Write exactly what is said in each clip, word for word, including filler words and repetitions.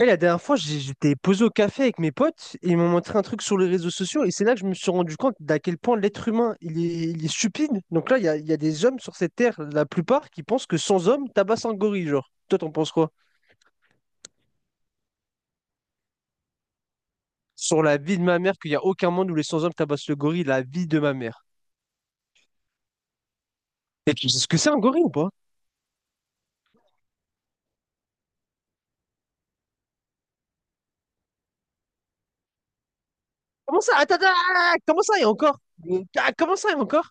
Et la dernière fois, j'ai- j'étais posé au café avec mes potes et ils m'ont montré un truc sur les réseaux sociaux et c'est là que je me suis rendu compte d'à quel point l'être humain, il est, il est stupide. Donc là, il y a, il y a des hommes sur cette terre, la plupart, qui pensent que sans hommes, tabasse un gorille, genre. Toi, t'en penses quoi? Sur la vie de ma mère, qu'il n'y a aucun monde où les sans hommes tabassent le gorille, la vie de ma mère. Et tu sais ce que c'est un gorille ou pas? Comment ça? Attends, attends, attends, comment ça, il y a encore? Ah, comment ça, il y a encore?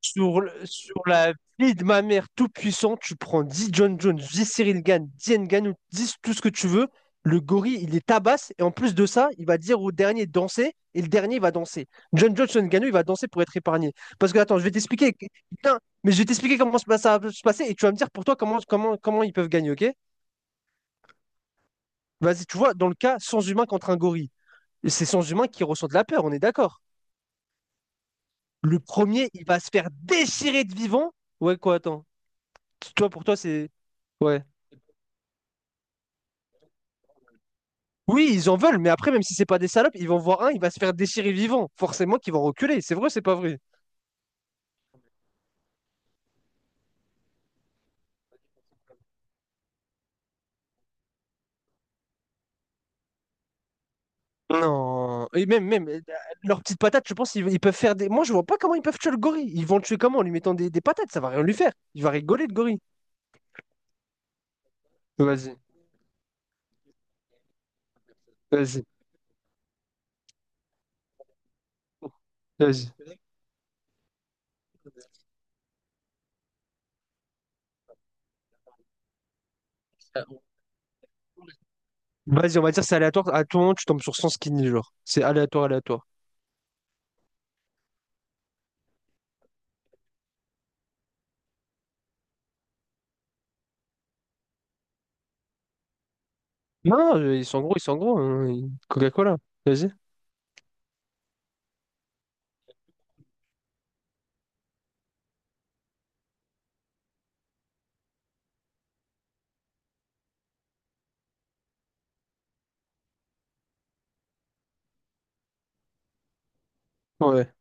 Sur, le- sur la vie de ma mère tout puissant, tu prends dix John Jones, dix Cyril Gann, dix Ngannou, dix tout ce que tu veux. Le gorille, il les tabasse. Et en plus de ça, il va dire au dernier de danser. Et le dernier, il va danser. John Jones, John Ngannou, il va danser pour être épargné. Parce que, attends, je vais t'expliquer. Putain, mais je vais t'expliquer comment ça va ça va se passer. Et tu vas me dire pour toi comment, comment, comment ils peuvent gagner, ok? Vas-y, tu vois, dans le cas, sans humain contre un gorille. C'est sans humain qui ressent de la peur, on est d'accord. Le premier, il va se faire déchirer de vivant. Ouais, quoi, attends. Toi, pour toi, c'est... Ouais. Oui, ils en veulent, mais après, même si c'est pas des salopes, ils vont voir un, il va se faire déchirer vivant. Forcément qu'ils vont reculer. C'est vrai, ou c'est pas vrai. Non. Et même, même, euh, leurs petites patates, je pense qu'ils ils peuvent faire des. Moi, je vois pas comment ils peuvent tuer le gorille. Ils vont le tuer comment? En lui mettant des, des patates, ça va rien lui faire. Il va rigoler, le gorille. Vas-y, vas-y, vas-y. Vas-y, on va dire c'est aléatoire. À tout moment, tu tombes sur cent skinny, genre. C'est aléatoire, aléatoire. Non, non, euh, ils sont gros, ils sont gros, hein. ils- Coca-Cola. Vas-y. Ouais.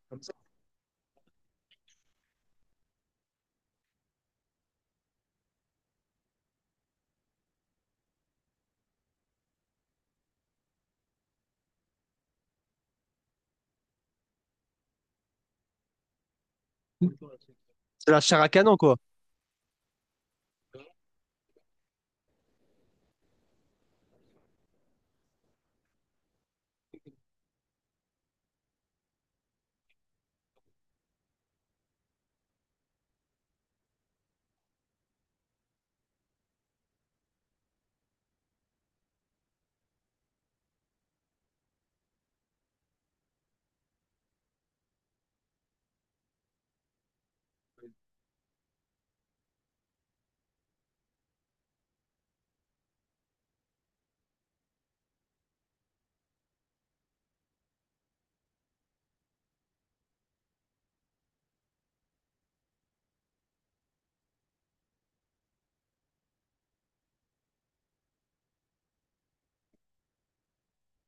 C'est la chair à canon, quoi.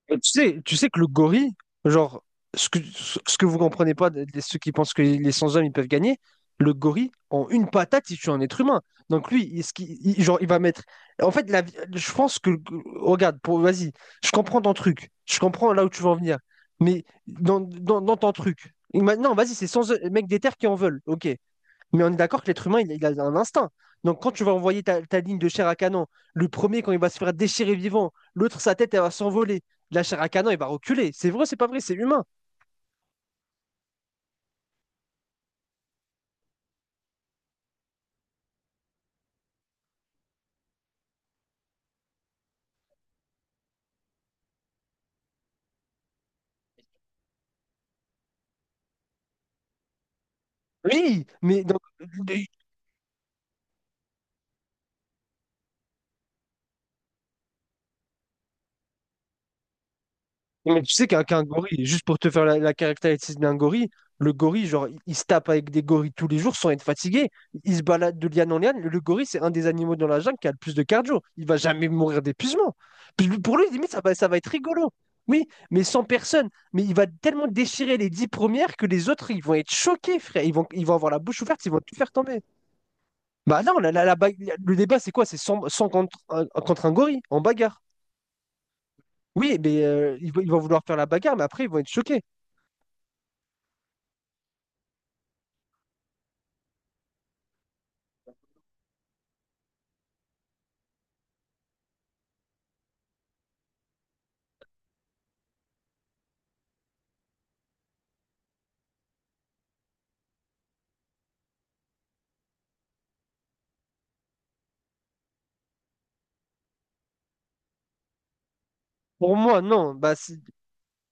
Et tu sais, tu sais que le gorille, genre, ce que, ce ce que vous comprenez pas, de- de ceux qui pensent que les sans-hommes, ils peuvent gagner, le gorille, en une patate, il tue un être humain. Donc lui, il- ce qu'il- il- genre, il va mettre... En fait, la, vie- je pense que... Regarde, pour, vas-y, je comprends ton truc. Je comprends là où tu veux en venir. Mais dans, dans, dans ton truc... Maintenant, vas-y, c'est sans... Mec des terres qui en veulent. Ok. Mais on est d'accord que l'être humain, il, il a un instinct. Donc quand tu vas envoyer ta, ta ligne de chair à canon, le premier, quand il va se faire déchirer vivant, l'autre, sa tête, elle va s'envoler. La chair à canon, elle va reculer. C'est vrai, c'est pas vrai, c'est humain. Oui, mais donc, mais tu sais qu'un qu'un gorille, juste pour te faire la, la caractéristique d'un gorille, le gorille, genre, il, il se tape avec des gorilles tous les jours sans être fatigué. Il se balade de liane en liane. Le gorille, c'est un des animaux dans la jungle qui a le plus de cardio. Il va jamais mourir d'épuisement. Puis lui- Pour lui, limite, ça va, ça va être rigolo. Oui, mais sans personne. Mais il va tellement déchirer les dix premières que les autres, ils vont être choqués, frère. Ils vont, ils vont avoir la bouche ouverte, ils vont tout faire tomber. Bah non, la, la- la bague- le débat, c'est quoi? C'est cent, cent contre, un- contre un gorille, en bagarre. Oui, mais euh, ils vont ils vont vouloir faire la bagarre, mais après, ils vont être choqués. Pour moi, non. Bah, c'est-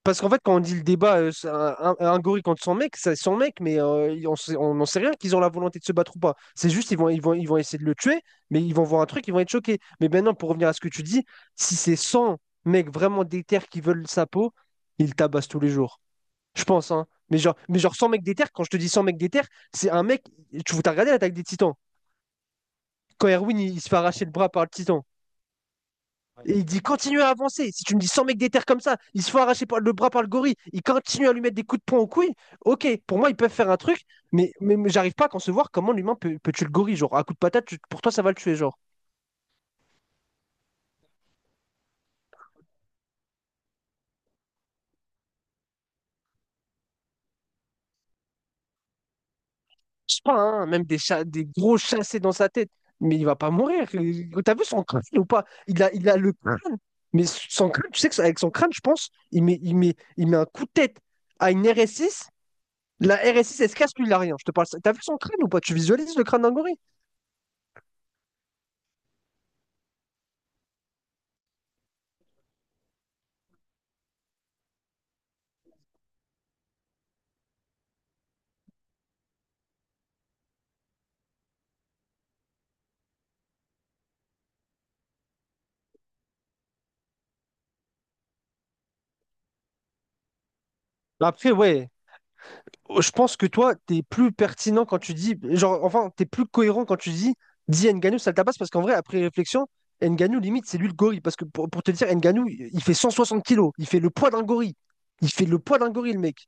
parce qu'en fait, quand on dit le débat, euh, c'est un, un- un gorille contre son mec, c'est son mec, mais euh, on sait- on n'en sait rien qu'ils ont la volonté de se battre ou pas. C'est juste, ils vont, ils vont, ils vont essayer de le tuer, mais ils vont voir un truc, ils vont être choqués. Mais maintenant, pour revenir à ce que tu dis, si c'est cent mecs vraiment déter qui veulent sa peau, ils tabassent tous les jours. Je pense, hein. Mais genre, mais genre cent mecs déter, quand je te dis cent mecs déter, c'est un mec. Tu as regardé l'attaque des Titans. Quand Erwin, il, il se fait arracher le bras par le Titan. Et il dit continue à avancer. Si tu me dis cent mecs des terres comme ça, ils se font arracher par- le bras par le gorille, ils continuent à lui mettre des coups de poing aux couilles. Ok, pour moi, ils peuvent faire un truc, mais, mais, mais j'arrive pas à concevoir comment l'humain peut, peut tuer le gorille. Genre, à coup de patate, tu- pour toi, ça va le tuer. Genre, je sais pas, hein, même des, cha- des gros chassés dans sa tête, mais il va pas mourir. Il- T'as vu son crâne ou pas? Il a, il a le crâne, mais son crâne, tu sais que avec son crâne, je pense, il met, il met, il met un coup de tête à une R S six. La R S six, elle se casse, lui, il a rien. Je te parle. Ça. T'as vu son crâne ou pas? Tu visualises le crâne d'un gorille? La pub, oui. Je pense que toi, t'es plus pertinent quand tu dis, genre, enfin, t'es plus cohérent quand tu dis, dis Ngannou, ça le tabasse, parce qu'en vrai, après réflexion, Ngannou, limite, c'est lui le gorille. Parce que pour, pour te dire, Ngannou, il fait 160 kilos, il fait le poids d'un gorille. Il fait le poids d'un gorille, le mec.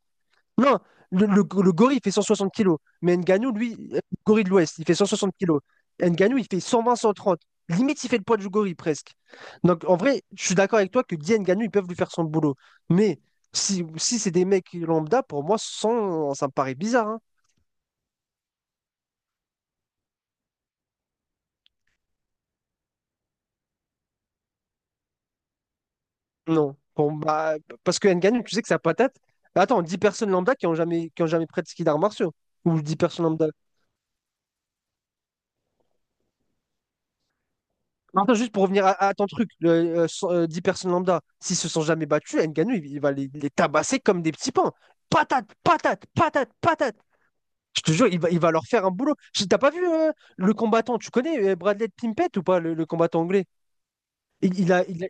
Non, le, le, le gorille, il fait 160 kilos. Mais Ngannou, lui, euh, gorille de l'Ouest, il fait 160 kilos. Ngannou, il fait cent vingt à cent trente. Limite, il fait le poids du gorille, presque. Donc, en vrai, je suis d'accord avec toi que Guy Ngannou, ils peuvent lui faire son boulot. Mais si, si c'est des mecs lambda, pour moi, sans, ça me paraît bizarre, hein. Non. Bon, bah, parce que Ngannou, tu sais que sa patate... Attends, dix personnes lambda qui ont jamais, qui ont jamais pratiqué d'arts martiaux. Ou dix personnes lambda. Non, attends, juste pour revenir à, à ton truc, le, euh, so- euh, dix personnes lambda, s'ils se sont jamais battus, Ngannou, il, il va les, les tabasser comme des petits pains. Patate, patate, patate, patate. Je te jure, il va, il va leur faire un boulot. Je- T'as pas vu euh, le combattant, tu connais euh, Bradley Pimpett ou pas, le, le combattant anglais? Il, il a, il a-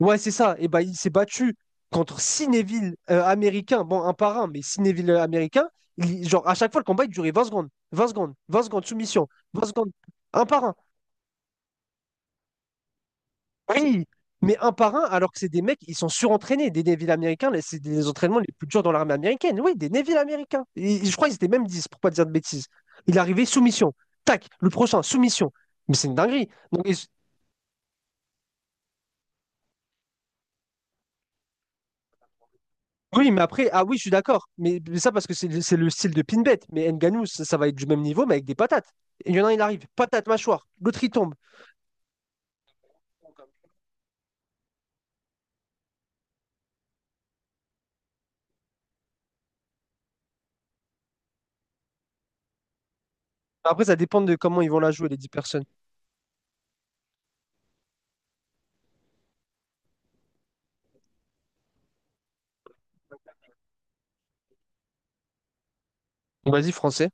Ouais, c'est ça. Et ben, il s'est battu contre six Neville euh, américains, bon, un par un, mais six Neville euh, américains. Il- genre, à chaque fois, le combat, il durait vingt secondes, vingt secondes, vingt secondes, soumission, vingt secondes, un par un, oui, mais un par un, alors que c'est des mecs, ils sont surentraînés. Des Navy américains, là, c'est des entraînements les plus durs dans l'armée américaine. Oui, des Navy américains. Et- je crois qu'ils étaient même dix, pour pas dire de bêtises. Il est arrivé soumission. Tac, le prochain, soumission. Mais c'est une dinguerie. Donc, et- oui, mais après, ah oui, je suis d'accord. Mais, mais ça, parce que c'est le c'est le style de Pinbet. Mais Ngannou, ça, ça va être du même niveau, mais avec des patates. Et il y en a un, il arrive, patate, mâchoire. L'autre, il tombe. Après, ça dépend de comment ils vont la jouer, les dix personnes. Donc, vas-y, français.